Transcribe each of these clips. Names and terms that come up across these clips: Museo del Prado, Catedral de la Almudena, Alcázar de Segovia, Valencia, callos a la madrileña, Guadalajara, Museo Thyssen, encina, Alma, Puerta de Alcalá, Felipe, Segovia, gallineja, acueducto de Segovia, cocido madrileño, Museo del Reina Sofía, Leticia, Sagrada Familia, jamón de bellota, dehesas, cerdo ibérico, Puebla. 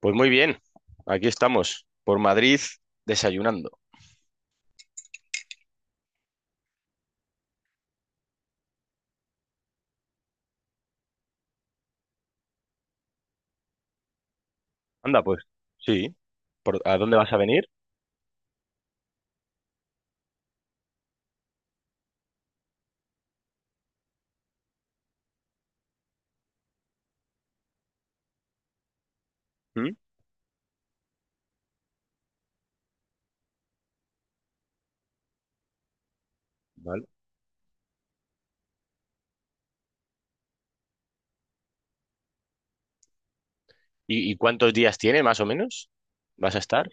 Pues muy bien, aquí estamos, por Madrid, desayunando. Anda, pues, sí. ¿A dónde vas a venir? ¿Mm? Vale. ¿Y, cuántos días tiene, más o menos? ¿Vas a estar?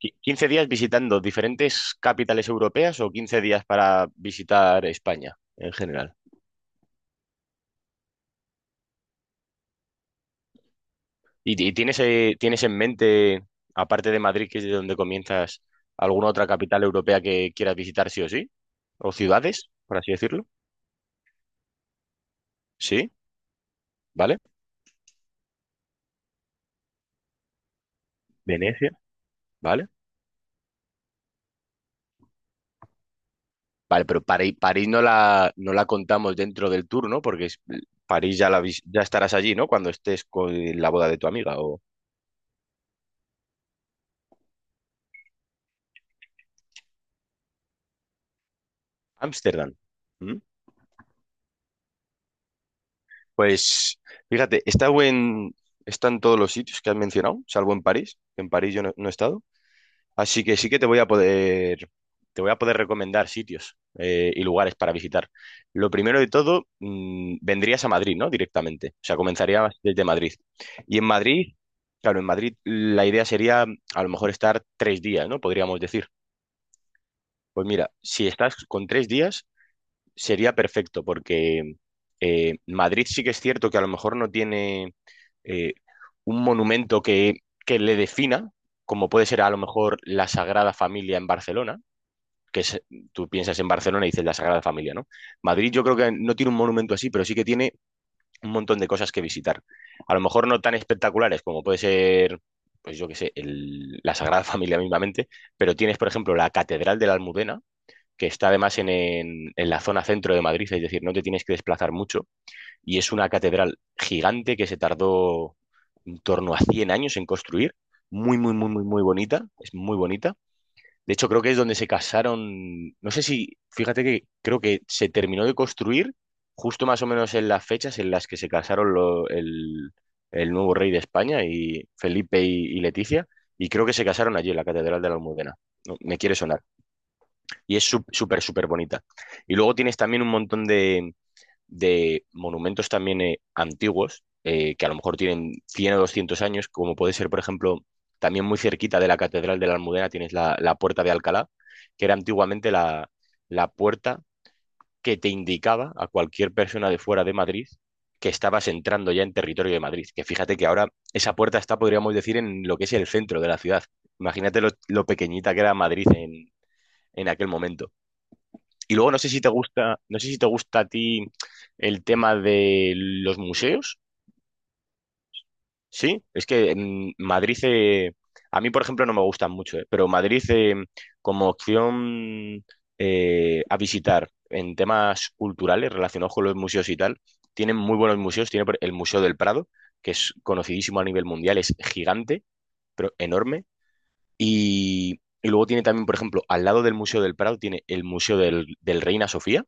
¿15 días visitando diferentes capitales europeas o 15 días para visitar España en general? ¿Y, tienes, tienes en mente, aparte de Madrid, que es de donde comienzas, alguna otra capital europea que quieras visitar sí o sí? ¿O ciudades, por así decirlo? Sí, ¿vale? Venecia, ¿vale? Vale, pero París, París no la contamos dentro del tour, ¿no? París ya, ya estarás allí, ¿no? Cuando estés con la boda de tu amiga o Ámsterdam. ¿Mm? Pues fíjate, está en todos los sitios que has mencionado, salvo en París. En París yo no he estado. Así que sí que te voy a poder recomendar sitios y lugares para visitar. Lo primero de todo, vendrías a Madrid, ¿no? Directamente. O sea, comenzarías desde Madrid. Y en Madrid, claro, en Madrid la idea sería a lo mejor estar tres días, ¿no? Podríamos decir. Pues mira, si estás con tres días, sería perfecto, porque Madrid sí que es cierto que a lo mejor no tiene eh, un monumento que le defina, como puede ser a lo mejor la Sagrada Familia en Barcelona que es- tú piensas en Barcelona y dices la Sagrada Familia, ¿no? Madrid yo creo que no tiene un monumento así, pero sí que tiene un montón de cosas que visitar. A lo mejor no tan espectaculares como puede ser, pues yo qué sé, la Sagrada Familia mismamente, pero tienes, por ejemplo, la Catedral de la Almudena, que está además en la zona centro de Madrid, es decir, no te tienes que desplazar mucho, y es una catedral gigante que se tardó en torno a 100 años en construir, muy, muy, muy, muy, muy bonita, es muy bonita de hecho, creo que es donde se casaron. No sé si, fíjate que creo que se terminó de construir justo más o menos en las fechas en las que se casaron el nuevo rey de España y Felipe y Leticia. Y creo que se casaron allí en la Catedral de la Almudena. No, me quiere sonar. Y es súper, súper bonita. Y luego tienes también un montón de monumentos también antiguos, que a lo mejor tienen 100 o 200 años, como puede ser, por ejemplo, también muy cerquita de la Catedral de la Almudena tienes la Puerta de Alcalá, que era antiguamente la puerta que te indicaba a cualquier persona de fuera de Madrid que estabas entrando ya en territorio de Madrid. Que fíjate que ahora esa puerta está, podríamos decir, en lo que es el centro de la ciudad. Imagínate lo pequeñita que era Madrid en aquel momento. Y luego no sé si te gusta, no sé si te gusta a ti el tema de los museos, ¿sí? Es que en Madrid, a mí por ejemplo no me gustan mucho, pero Madrid como opción a visitar en temas culturales relacionados con los museos y tal, tienen muy buenos museos, el Museo del Prado, que es conocidísimo a nivel mundial, es gigante, pero enorme, y luego tiene también, por ejemplo, al lado del Museo del Prado tiene el Museo del Reina Sofía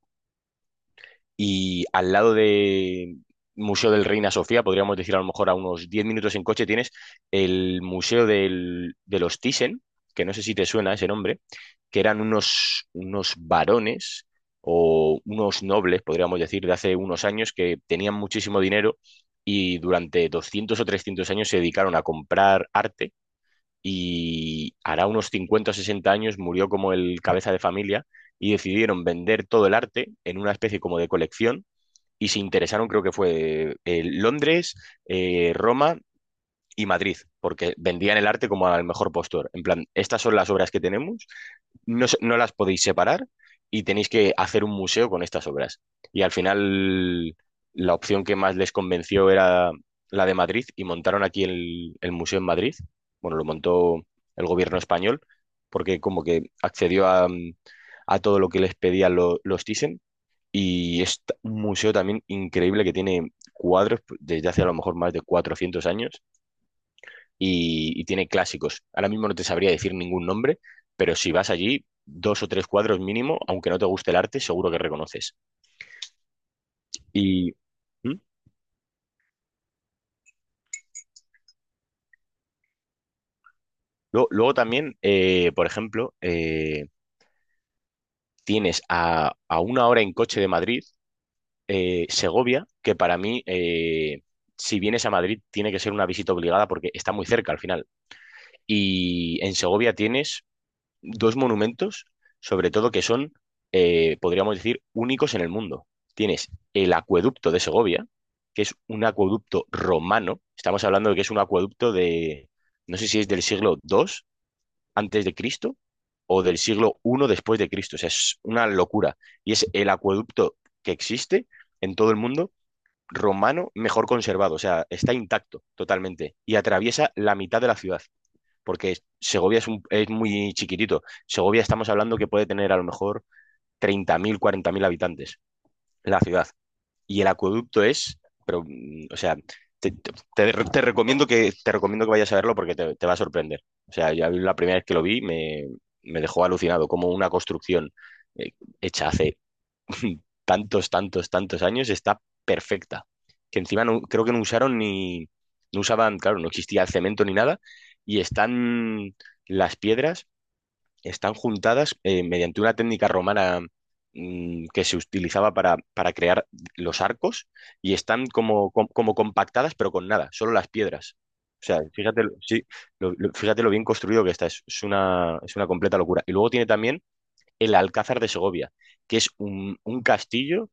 y al lado de Museo del Reina Sofía, podríamos decir a lo mejor a unos 10 minutos en coche, tienes de los Thyssen, que no sé si te suena ese nombre, que eran unos varones o unos nobles, podríamos decir, de hace unos años que tenían muchísimo dinero y durante 200 o 300 años se dedicaron a comprar arte. Y hará unos 50 o 60 años murió como el cabeza de familia y decidieron vender todo el arte en una especie como de colección y se interesaron, creo que fue Londres, Roma y Madrid, porque vendían el arte como al mejor postor. En plan, estas son las obras que tenemos, no, no las podéis separar y tenéis que hacer un museo con estas obras. Y al final, la opción que más les convenció era la de Madrid y montaron aquí el museo en Madrid. Bueno, lo montó el gobierno español porque como que accedió a, a todo lo que les pedían los Thyssen y es un museo también increíble que tiene cuadros pues, desde hace a lo mejor más de 400 años y tiene clásicos. Ahora mismo no te sabría decir ningún nombre, pero si vas allí, dos o tres cuadros mínimo, aunque no te guste el arte, seguro que reconoces. Y ¿mm? Luego también, por ejemplo, tienes a una hora en coche de Madrid, Segovia, que para mí... si vienes a Madrid, tiene que ser una visita obligada porque está muy cerca al final. Y en Segovia tienes dos monumentos, sobre todo que son, podríamos decir, únicos en el mundo. Tienes el acueducto de Segovia, que es un acueducto romano. Estamos hablando de que es un acueducto de, no sé si es del siglo II antes de Cristo o del siglo I después de Cristo. O sea, es una locura. Y es el acueducto que existe en todo el mundo romano mejor conservado. O sea, está intacto totalmente y atraviesa la mitad de la ciudad porque Segovia es, es muy chiquitito. Segovia estamos hablando que puede tener a lo mejor 30.000, 40.000 habitantes la ciudad. Y el acueducto es, pero, o sea, te recomiendo te recomiendo que vayas a verlo porque te va a sorprender. O sea, ya la primera vez que lo vi me dejó alucinado, como una construcción eh, hecha hace tantos, tantos, tantos años, está perfecta. Que encima no, creo que no usaron ni, no usaban, claro, no existía el cemento ni nada, y están las piedras, están juntadas mediante una técnica romana que se utilizaba para crear los arcos, y están como, compactadas, pero con nada, solo las piedras. O sea, fíjate, sí, fíjate lo bien construido que está, es una completa locura. Y luego tiene también el Alcázar de Segovia, que es un castillo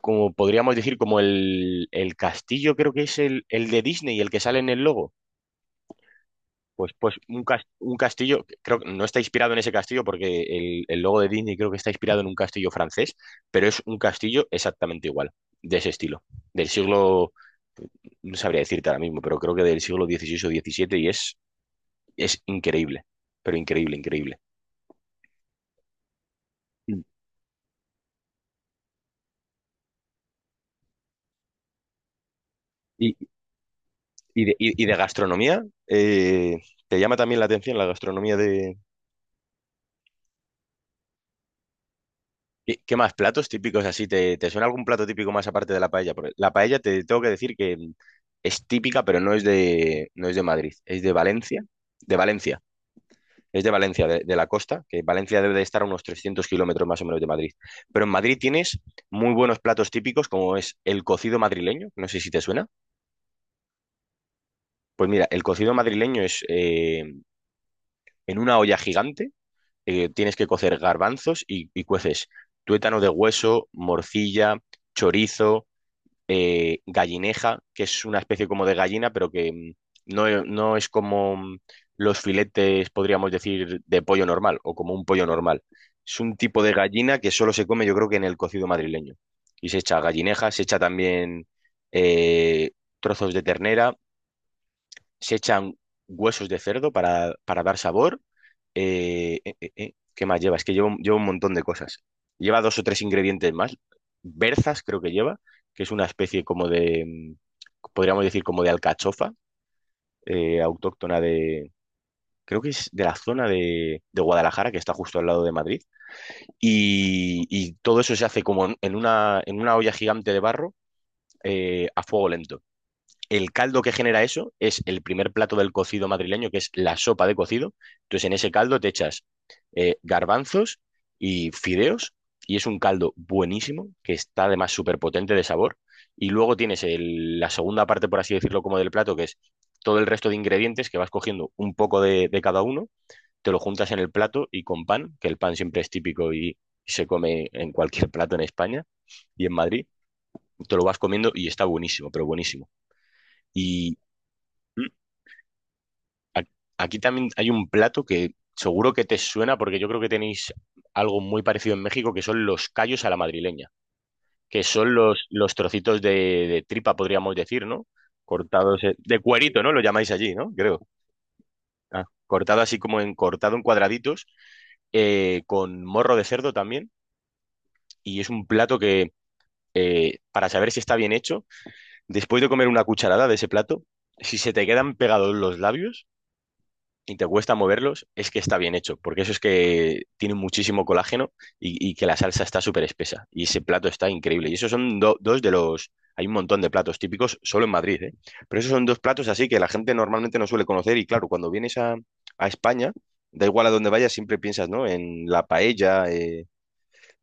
como podríamos decir, como el castillo, creo que es el de Disney, el que sale en el logo. Un castillo, creo que no está inspirado en ese castillo porque el logo de Disney creo que está inspirado en un castillo francés, pero es un castillo exactamente igual, de ese estilo, del siglo, no sabría decirte ahora mismo, pero creo que del siglo XVI o XVII y es increíble, pero increíble, increíble. Mm. Y, y y de gastronomía, ¿te llama también la atención la gastronomía de, ¿qué, qué más platos típicos así? ¿Te, te suena algún plato típico más aparte de la paella? Porque la paella te tengo que decir que es típica, pero no es de, no es de Madrid, es de Valencia. De Valencia, es de Valencia, de la costa, que Valencia debe de estar a unos 300 kilómetros más o menos de Madrid. Pero en Madrid tienes muy buenos platos típicos, como es el cocido madrileño, no sé si te suena. Pues mira, el cocido madrileño es en una olla gigante, tienes que cocer garbanzos y cueces tuétano de hueso, morcilla, chorizo gallineja, que es una especie como de gallina, pero que no, no es como los filetes, podríamos decir, de pollo normal o como un pollo normal. Es un tipo de gallina que solo se come, yo creo que en el cocido madrileño. Y se echa gallineja, se echa también eh, trozos de ternera, se echan huesos de cerdo para dar sabor. ¿Qué más lleva? Es que lleva, lleva un montón de cosas. Lleva dos o tres ingredientes más. Berzas creo que lleva, que es una especie como de, podríamos decir como de alcachofa, autóctona de, creo que es de la zona de Guadalajara, que está justo al lado de Madrid. Y todo eso se hace como en una, en una olla gigante de barro, a fuego lento. El caldo que genera eso es el primer plato del cocido madrileño, que es la sopa de cocido. Entonces, en ese caldo te echas garbanzos y fideos, y es un caldo buenísimo, que está además súper potente de sabor. Y luego tienes la segunda parte, por así decirlo, como del plato, que es todo el resto de ingredientes que vas cogiendo un poco de cada uno, te lo juntas en el plato y con pan, que el pan siempre es típico y se come en cualquier plato en España y en Madrid, te lo vas comiendo y está buenísimo, pero buenísimo. Y a- Aquí también hay un plato que seguro que te suena porque yo creo que tenéis algo muy parecido en México que son los callos a la madrileña, que son los trocitos de tripa, podríamos decir, ¿no? Cortados de cuerito, ¿no? Lo llamáis allí, ¿no? Creo. Ah, cortado así como en cortado en cuadraditos, con morro de cerdo también. Y es un plato que, para saber si está bien hecho, después de comer una cucharada de ese plato, si se te quedan pegados los labios, y te cuesta moverlos, es que está bien hecho, porque eso es que tiene muchísimo colágeno y que la salsa está súper espesa. Y ese plato está increíble. Y esos son dos de los... Hay un montón de platos típicos solo en Madrid, ¿eh? Pero esos son dos platos así que la gente normalmente no suele conocer y claro, cuando vienes a España, da igual a dónde vayas, siempre piensas, ¿no? En la paella,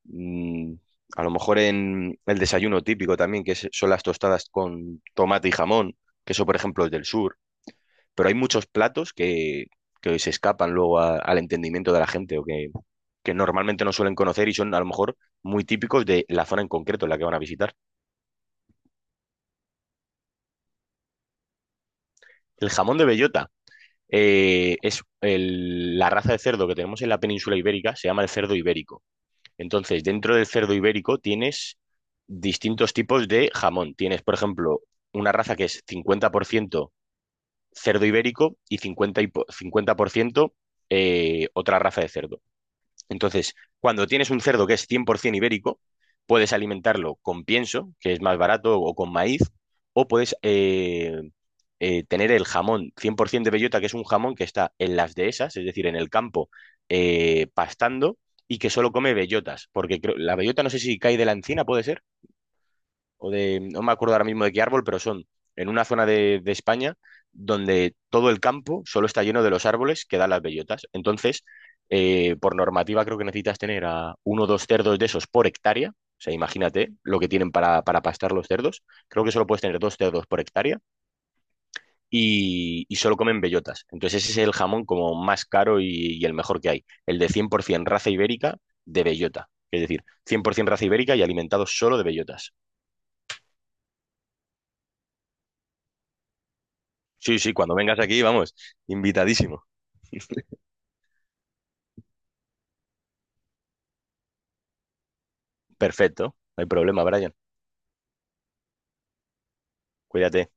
mm, a lo mejor en el desayuno típico también, son las tostadas con tomate y jamón, que eso, por ejemplo, es del sur pero hay muchos platos que se escapan luego al entendimiento de la gente o que normalmente no suelen conocer y son a lo mejor muy típicos de la zona en concreto en la que van a visitar. El jamón de bellota es la raza de cerdo que tenemos en la península ibérica, se llama el cerdo ibérico. Entonces, dentro del cerdo ibérico tienes distintos tipos de jamón. Tienes, por ejemplo, una raza que es 50% cerdo ibérico y 50, 50% otra raza de cerdo. Entonces, cuando tienes un cerdo que es 100% ibérico, puedes alimentarlo con pienso, que es más barato, o con maíz, o puedes tener el jamón 100% de bellota, que es un jamón que está en las dehesas, es decir, en el campo, pastando, y que solo come bellotas, porque creo- la bellota no sé si cae de la encina, ¿puede ser? O de, no me acuerdo ahora mismo de qué árbol, pero son en una zona de España donde todo el campo solo está lleno de los árboles que dan las bellotas. Entonces, por normativa creo que necesitas tener a uno o dos cerdos de esos por hectárea. O sea, imagínate lo que tienen para pastar los cerdos. Creo que solo puedes tener dos cerdos por hectárea y solo comen bellotas. Entonces ese es el jamón como más caro y el mejor que hay. El de 100% raza ibérica de bellota. Es decir, 100% raza ibérica y alimentado solo de bellotas. Sí, sí, cuando vengas aquí, vamos, invitadísimo. Perfecto, no hay problema, Brian. Cuídate.